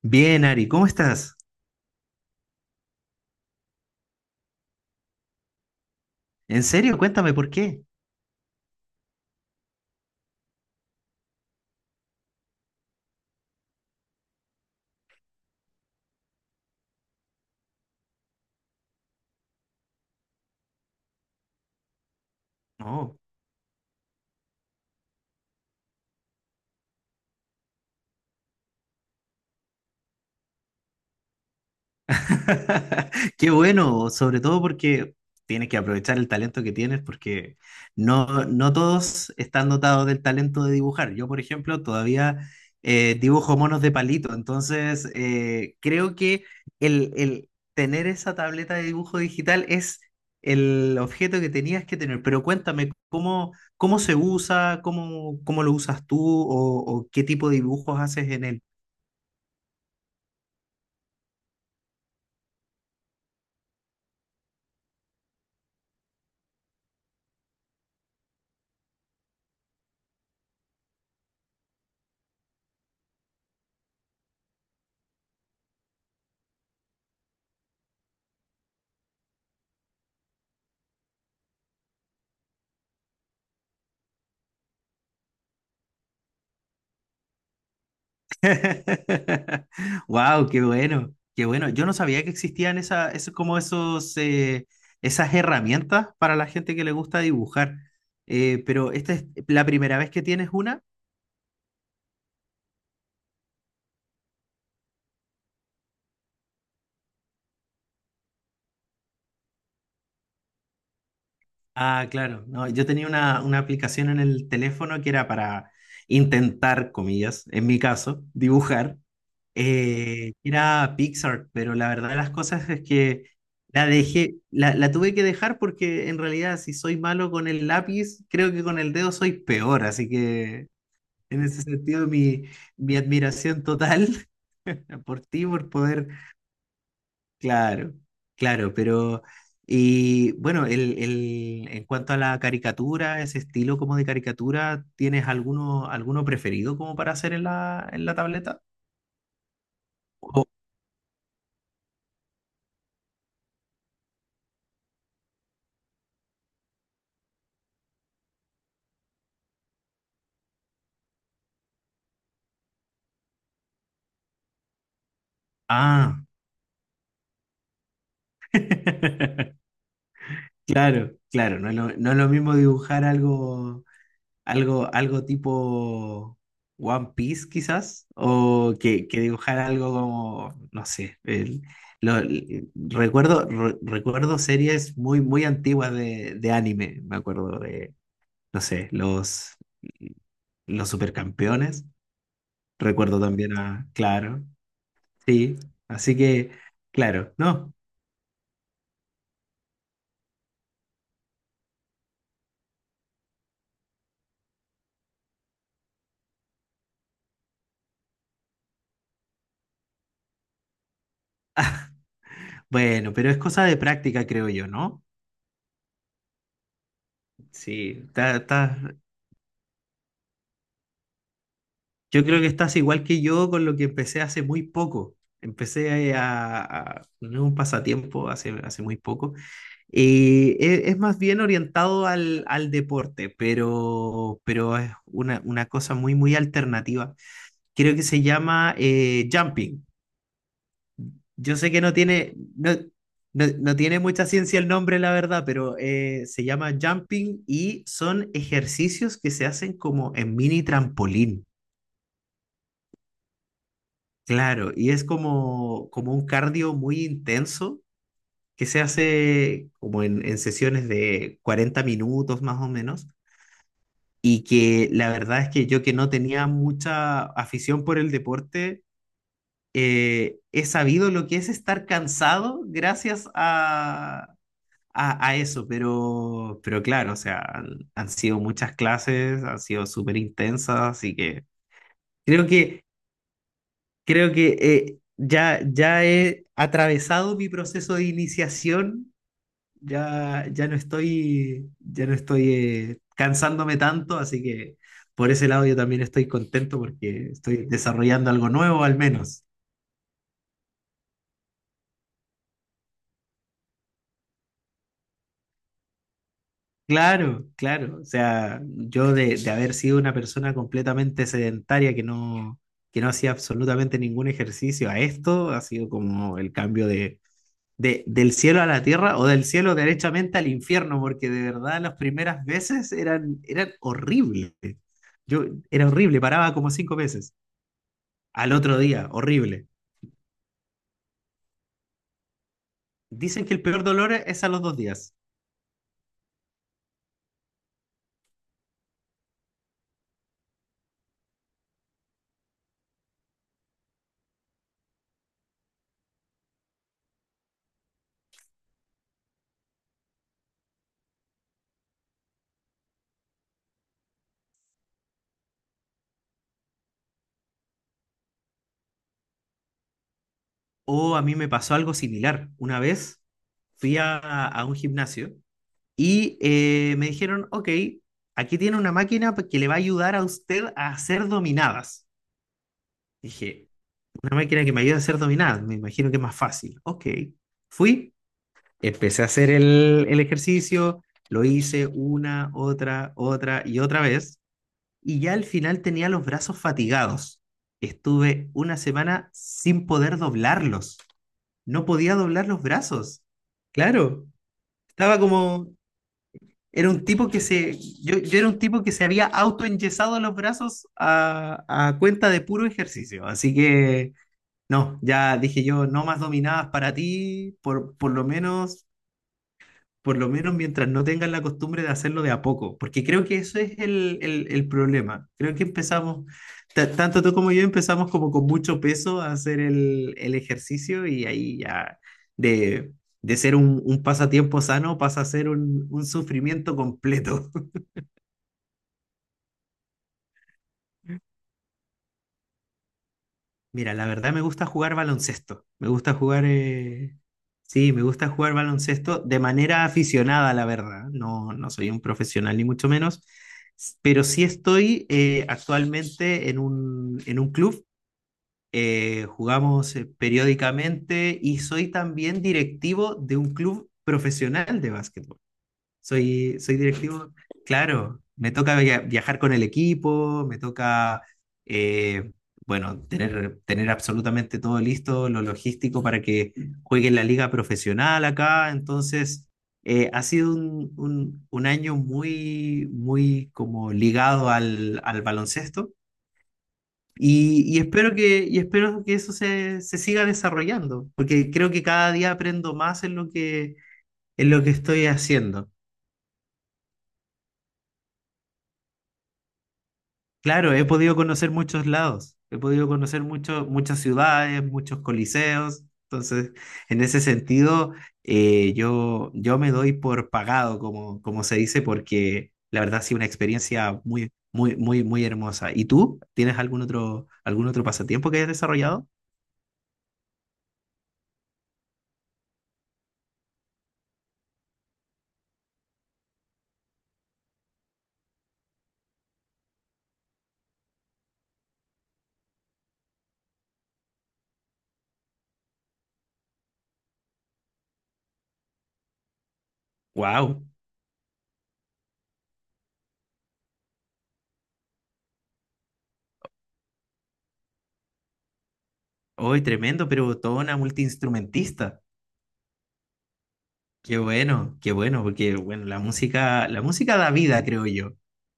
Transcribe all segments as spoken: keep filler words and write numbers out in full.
Bien, Ari, ¿cómo estás? ¿En serio? Cuéntame por qué. No. Qué bueno, sobre todo porque tienes que aprovechar el talento que tienes, porque no, no todos están dotados del talento de dibujar. Yo, por ejemplo, todavía eh, dibujo monos de palito, entonces eh, creo que el, el tener esa tableta de dibujo digital es el objeto que tenías que tener. Pero cuéntame, ¿cómo, cómo se usa? ¿Cómo, cómo lo usas tú? ¿O, o qué tipo de dibujos haces en él? Wow, qué bueno, qué bueno. Yo no sabía que existían esa, eso- como esos, eh, esas herramientas para la gente que le gusta dibujar. Eh, pero esta es la primera vez que tienes una. Ah, claro. No, yo tenía una, una aplicación en el teléfono que era para intentar, comillas, en mi caso, dibujar. Eh, era Pixar, pero la verdad de las cosas es que la dejé, la, la tuve que dejar porque en realidad si soy malo con el lápiz, creo que con el dedo soy peor, así que en ese sentido mi, mi admiración total por ti, por poder, claro, claro, pero... Y bueno, el, el, en cuanto a la caricatura, ese estilo como de caricatura, ¿tienes alguno, alguno preferido como para hacer en la, en la tableta? O- ah. Claro, claro, no es lo, no es lo mismo dibujar algo, algo, algo tipo One Piece quizás, o que, que dibujar algo como, no sé, el- lo- el- recuerdo, re- recuerdo series muy, muy antiguas de, de anime, me acuerdo de, no sé, los, los Supercampeones, recuerdo también a, claro, sí, así que, claro, no, bueno, pero es cosa de práctica, creo yo, ¿no? Sí, está, yo creo que estás igual que yo con lo que empecé hace muy poco. Empecé a, a- no es un pasatiempo hace, hace muy poco. Eh, e- es, más bien orientado al, al deporte, pero, pero es una, una cosa muy, muy alternativa. Creo que se llama eh, jumping. Yo sé que no tiene, no, no- no tiene mucha ciencia el nombre, la verdad, pero eh, se llama jumping y son ejercicios que se hacen como en mini trampolín. Claro, y es como, como un cardio muy intenso que se hace como en, en sesiones de cuarenta minutos más o menos, y que la verdad es que yo que no tenía mucha afición por el deporte, eh, he sabido lo que es estar cansado gracias a, a, a eso, pero, pero claro, o sea, han, han sido muchas clases, han sido súper intensas, así que creo que creo que eh, ya, ya he atravesado mi proceso de iniciación, ya, ya no estoy, ya no estoy eh, cansándome tanto, así que por ese lado yo también estoy contento porque estoy desarrollando algo nuevo al menos. Claro, claro. O sea, yo de, de haber sido una persona completamente sedentaria que no, que no hacía absolutamente ningún ejercicio a esto, ha sido como el cambio de de- del cielo a la tierra o del cielo derechamente al infierno, porque de verdad las primeras veces eran, eran horribles. Yo era horrible, paraba como cinco veces. Al otro día, horrible. Dicen que el peor dolor es a los dos días. O a mí me pasó algo similar. Una vez fui a, a un gimnasio y eh, me dijeron, ok, aquí tiene una máquina que le va a ayudar a usted a hacer dominadas. Dije, una máquina que me ayuda a hacer dominadas, me imagino que es más fácil. Ok, fui, empecé a hacer el, el ejercicio, lo hice una, otra, otra y otra vez, y ya al final tenía los brazos fatigados. Estuve una semana sin poder doblarlos. No podía doblar los brazos. Claro, estaba como, era un tipo que se, yo, yo era un tipo que se había autoenyesado los brazos a, a cuenta de puro ejercicio. Así que, no, ya dije yo, no más dominadas para ti, por, por lo menos por lo menos mientras no tengan la costumbre de hacerlo de a poco, porque creo que eso es el, el- el problema. Creo que empezamos, ta- tanto tú como yo empezamos como con mucho peso a hacer el, el ejercicio y ahí ya de, de ser un, un pasatiempo sano pasa a ser un, un sufrimiento completo. Mira, la verdad me gusta jugar baloncesto. Me gusta jugar, eh, sí, me gusta jugar baloncesto de manera aficionada, la verdad. No, no soy un profesional ni mucho menos, s- pero sí estoy eh, actualmente en un, en un club. Eh, jugamos eh, periódicamente y soy también directivo de un club profesional de básquetbol. Soy, soy directivo, claro, me toca via- viajar con el equipo, me toca, eh, bueno, tener, tener absolutamente todo listo, lo logístico para que juegue en la liga profesional acá. Entonces, eh, ha sido un, un- un año muy, muy como ligado al, al baloncesto y, y espero que, y espero que eso se, se siga desarrollando, porque creo que cada día aprendo más en lo que, en lo que estoy haciendo. Claro, he podido conocer muchos lados, he podido conocer mucho- muchas ciudades, muchos coliseos, entonces en ese sentido eh, yo, yo me doy por pagado, como, como se dice, porque la verdad ha sido una experiencia muy, muy, muy, muy hermosa. ¿Y tú? ¿Tienes algún otro, algún otro pasatiempo que hayas desarrollado? ¡Wow! Hoy tremendo, pero toda una multiinstrumentista. Qué bueno, qué bueno, porque bueno, la música, la música da vida, creo yo.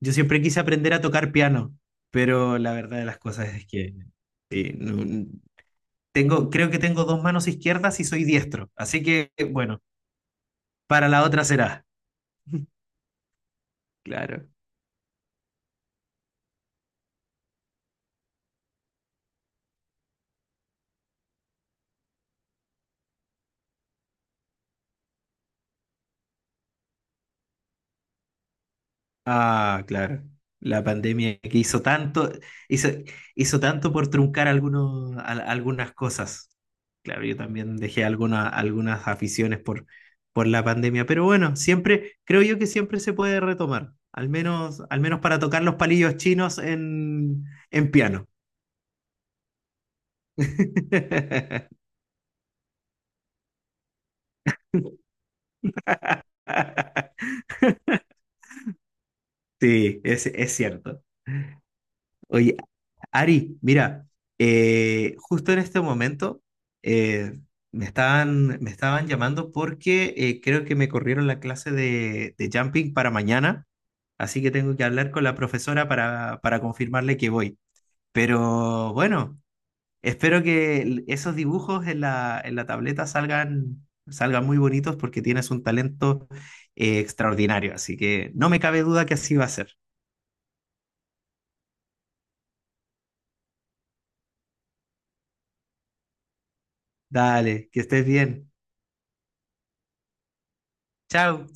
Yo siempre quise aprender a tocar piano, pero la verdad de las cosas es que eh, no- tengo, creo que tengo dos manos izquierdas y soy diestro, así que bueno, para la otra será, claro. Ah, claro. La pandemia que hizo tanto, hizo, hizo tanto por truncar algunos, al- algunas cosas. Claro, yo también dejé alguna- algunas aficiones por, por la pandemia, pero bueno, siempre, creo yo que siempre se puede retomar, al menos, al menos para tocar los palillos chinos en, en piano. Sí, es, es cierto. Oye, Ari, mira, eh, justo en este momento eh, me estaban, me estaban llamando porque eh, creo que me corrieron la clase de, de jumping para mañana, así que tengo que hablar con la profesora para, para confirmarle que voy. Pero bueno, espero que el- esos dibujos en la, en la tableta salgan, salgan muy bonitos porque tienes un talento eh, extraordinario, así que no me cabe duda que así va a ser. Dale, que estés bien. Chao.